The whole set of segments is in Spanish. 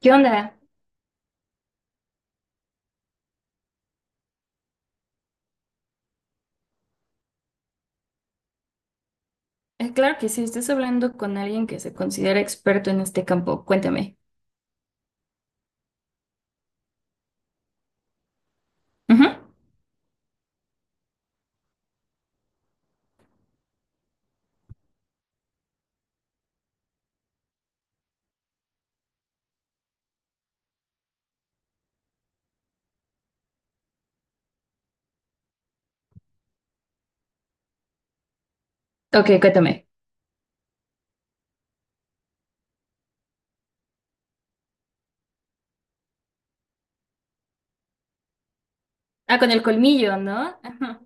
¿Qué onda? Claro que sí, estás hablando con alguien que se considera experto en este campo. Cuéntame. Ujú. Ok, cuéntame. Ah, con el colmillo, ¿no? Ajá.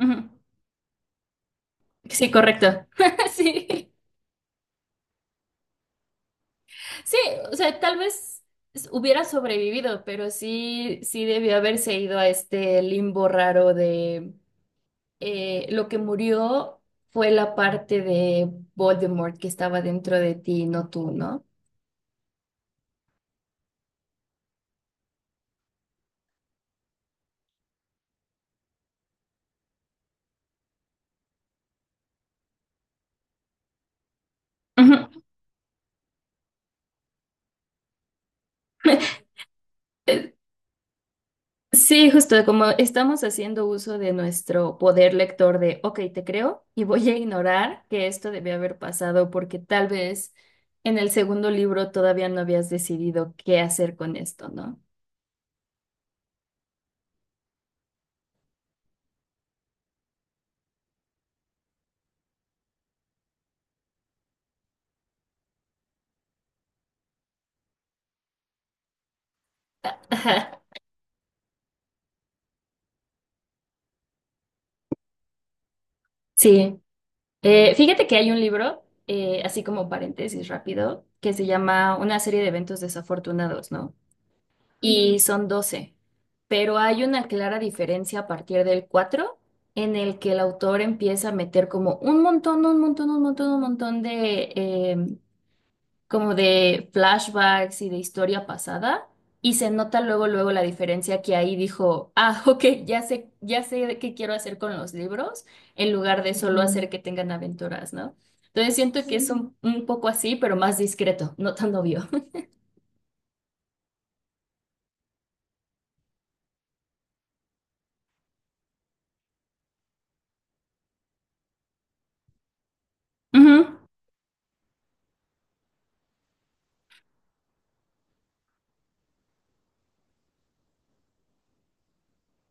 Ujú. Sí, correcto. Sí, sí, o sea, tal vez hubiera sobrevivido, pero sí, sí debió haberse ido a este limbo raro de lo que murió fue la parte de Voldemort que estaba dentro de ti, no tú, ¿no? Ujú. Sí, justo como estamos haciendo uso de nuestro poder lector de, ok, te creo y voy a ignorar que esto debió haber pasado porque tal vez en el segundo libro todavía no habías decidido qué hacer con esto, ¿no? Ajá, sí. Fíjate que hay un libro, así como paréntesis rápido, que se llama Una serie de eventos desafortunados, ¿no? Y son 12. Pero hay una clara diferencia a partir del 4 en el que el autor empieza a meter como un montón, un montón, un montón, un montón de como de flashbacks y de historia pasada. Y se nota luego, luego la diferencia que ahí dijo, ah, ok, ya sé qué quiero hacer con los libros, en lugar de solo, ujú, hacer que tengan aventuras, ¿no? Entonces siento que es, sí, un poco así, pero más discreto, no tan obvio. Ujú,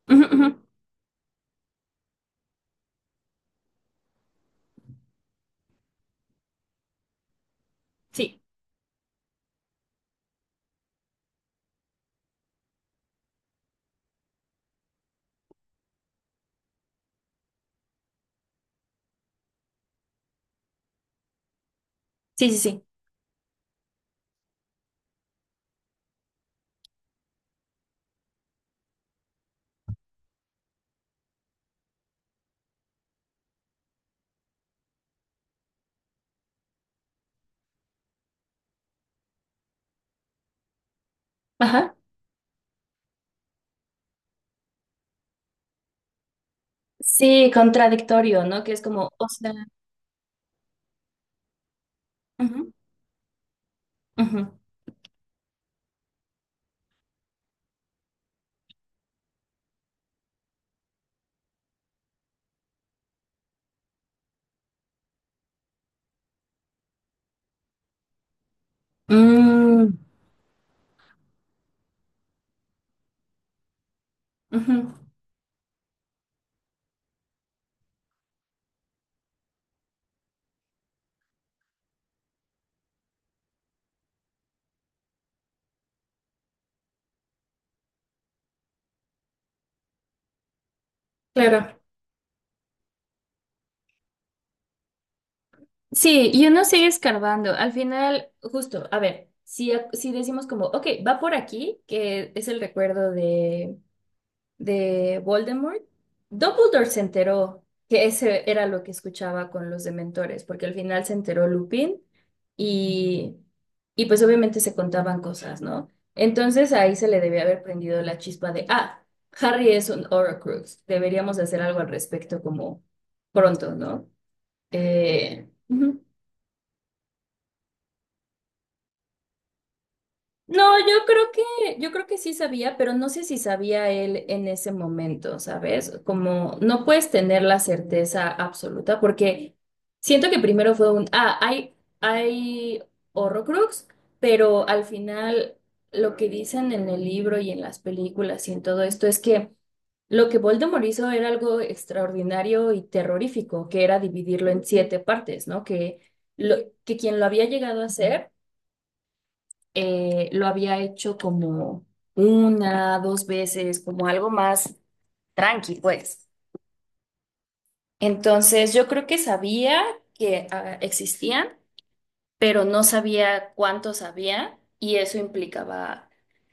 ujú, ujú. Sí, sí, sí, sí. Ajá. Sí, contradictorio, ¿no? Que es como, o sea, ujú, ujú. Mm, ujú, claro. Sí, y uno sigue escarbando. Al final, justo, a ver, si decimos como, ok, va por aquí, que es el recuerdo de Voldemort, Dumbledore se enteró que ese era lo que escuchaba con los dementores, porque al final se enteró Lupin y, y pues obviamente se contaban cosas, ¿no? Entonces ahí se le debía haber prendido la chispa de, ah, Harry es un Horcrux, deberíamos hacer algo al respecto como pronto, ¿no? Ujú. No, yo creo que sí sabía, pero no sé si sabía él en ese momento, ¿sabes? Como no puedes tener la certeza absoluta, porque siento que primero fue un, ah, hay Horrocrux, pero al final lo que dicen en el libro y en las películas y en todo esto es que lo que Voldemort hizo era algo extraordinario y terrorífico, que era dividirlo en siete partes, ¿no? Lo, que quien lo había llegado a hacer, lo había hecho como una, dos veces, como algo más tranqui, pues. Entonces, yo creo que sabía que existían, pero no sabía cuántos había, y eso implicaba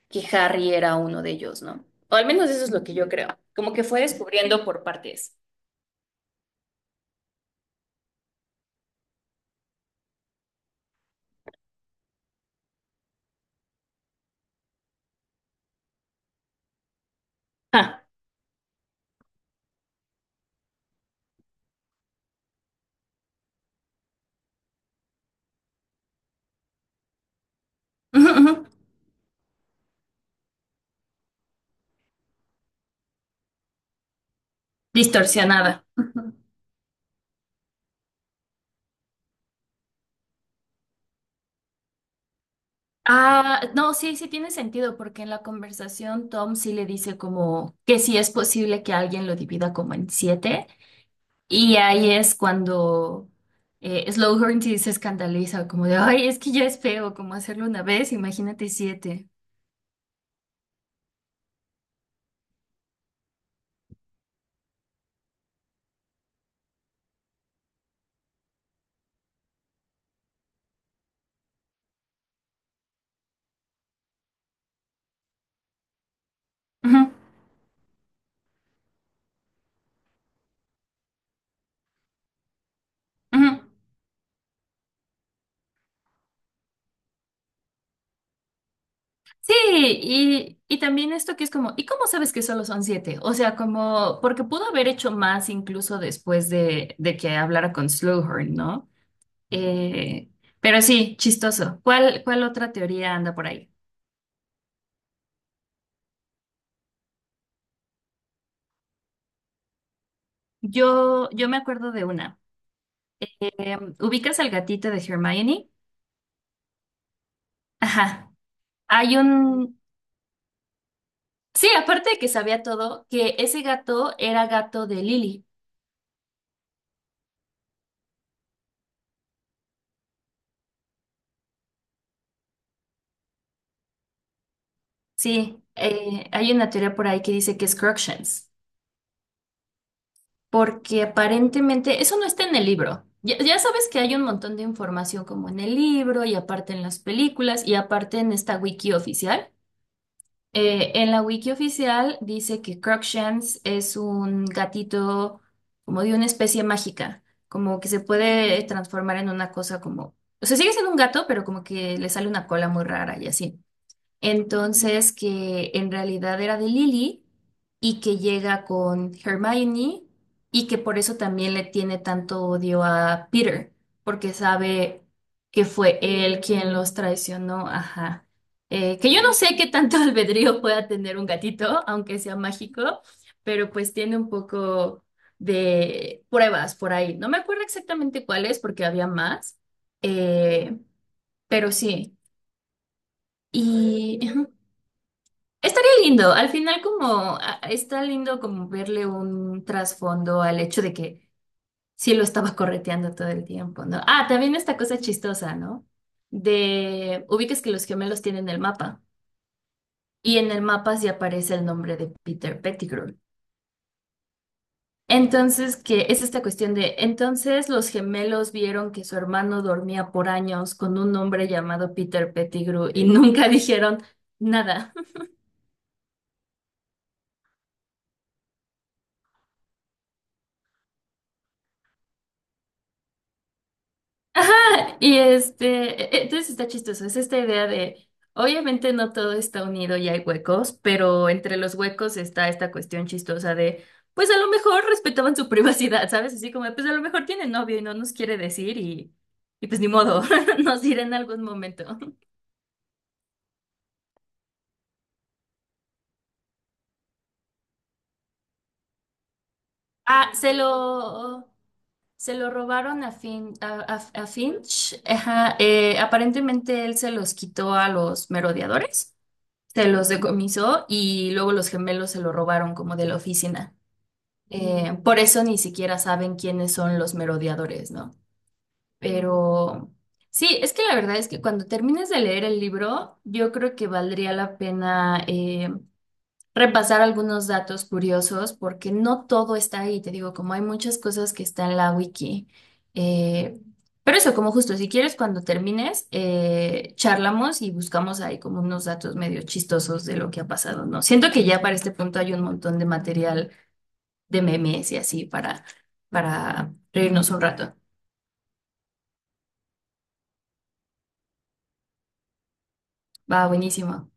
que Harry era uno de ellos, ¿no? O al menos eso es lo que yo creo. Como que fue descubriendo por partes. Ah, ujú, ujú. Distorsionada. Ah, no, sí, sí tiene sentido, porque en la conversación Tom sí le dice como que sí es posible que alguien lo divida como en siete, y ahí es cuando Slughorn sí se escandaliza, como de, ay, es que ya es feo, como hacerlo una vez, imagínate siete. Ujú, ujú. Sí, y también esto que es como, ¿y cómo sabes que solo son siete? O sea, como, porque pudo haber hecho más incluso después de, que hablara con Slughorn, ¿no? Eh, pero sí, chistoso. ¿Cuál otra teoría anda por ahí? Yo me acuerdo de una. ¿Ubicas al gatito de Hermione? Ajá. Hay un... Sí, aparte de que sabía todo, que ese gato era gato de Lily. Sí, hay una teoría por ahí que dice que es Crookshanks, porque aparentemente eso no está en el libro. Ya, ya sabes que hay un montón de información como en el libro y aparte en las películas y aparte en esta wiki oficial. En la wiki oficial dice que Crookshanks es un gatito como de una especie mágica, como que se puede transformar en una cosa como... O sea, sigue siendo un gato, pero como que le sale una cola muy rara y así. Entonces, que en realidad era de Lily y que llega con Hermione y que por eso también le tiene tanto odio a Peter, porque sabe que fue él quien los traicionó. Ajá. Que yo no sé qué tanto albedrío pueda tener un gatito, aunque sea mágico, pero pues tiene un poco de pruebas por ahí. No me acuerdo exactamente cuáles, porque había más, eh, pero sí. Y, estaría lindo, al final como está lindo como verle un trasfondo al hecho de que sí lo estaba correteando todo el tiempo, ¿no? Ah, también esta cosa chistosa, ¿no? De ubicas que los gemelos tienen el mapa y en el mapa sí aparece el nombre de Peter Pettigrew. Entonces, que es esta cuestión de, entonces los gemelos vieron que su hermano dormía por años con un hombre llamado Peter Pettigrew y nunca dijeron nada. Y entonces está chistoso, es esta idea de, obviamente no todo está unido y hay huecos, pero entre los huecos está esta cuestión chistosa de, pues a lo mejor respetaban su privacidad, ¿sabes? Así como, pues a lo mejor tiene novio y no nos quiere decir y pues ni modo, nos dirá en algún momento. Ah, se lo robaron a Finch, ajá, aparentemente él se los quitó a los merodeadores. Se los decomisó y luego los gemelos se lo robaron como de la oficina. Por eso ni siquiera saben quiénes son los merodeadores, ¿no? Pero sí, es que la verdad es que cuando termines de leer el libro, yo creo que valdría la pena, repasar algunos datos curiosos porque no todo está ahí, te digo, como hay muchas cosas que está en la wiki. Eh, pero eso, como justo, si quieres, cuando termines, charlamos y buscamos ahí como unos datos medio chistosos de lo que ha pasado, ¿no? Siento que ya para este punto hay un montón de material de memes y así para reírnos un rato. Va, buenísimo.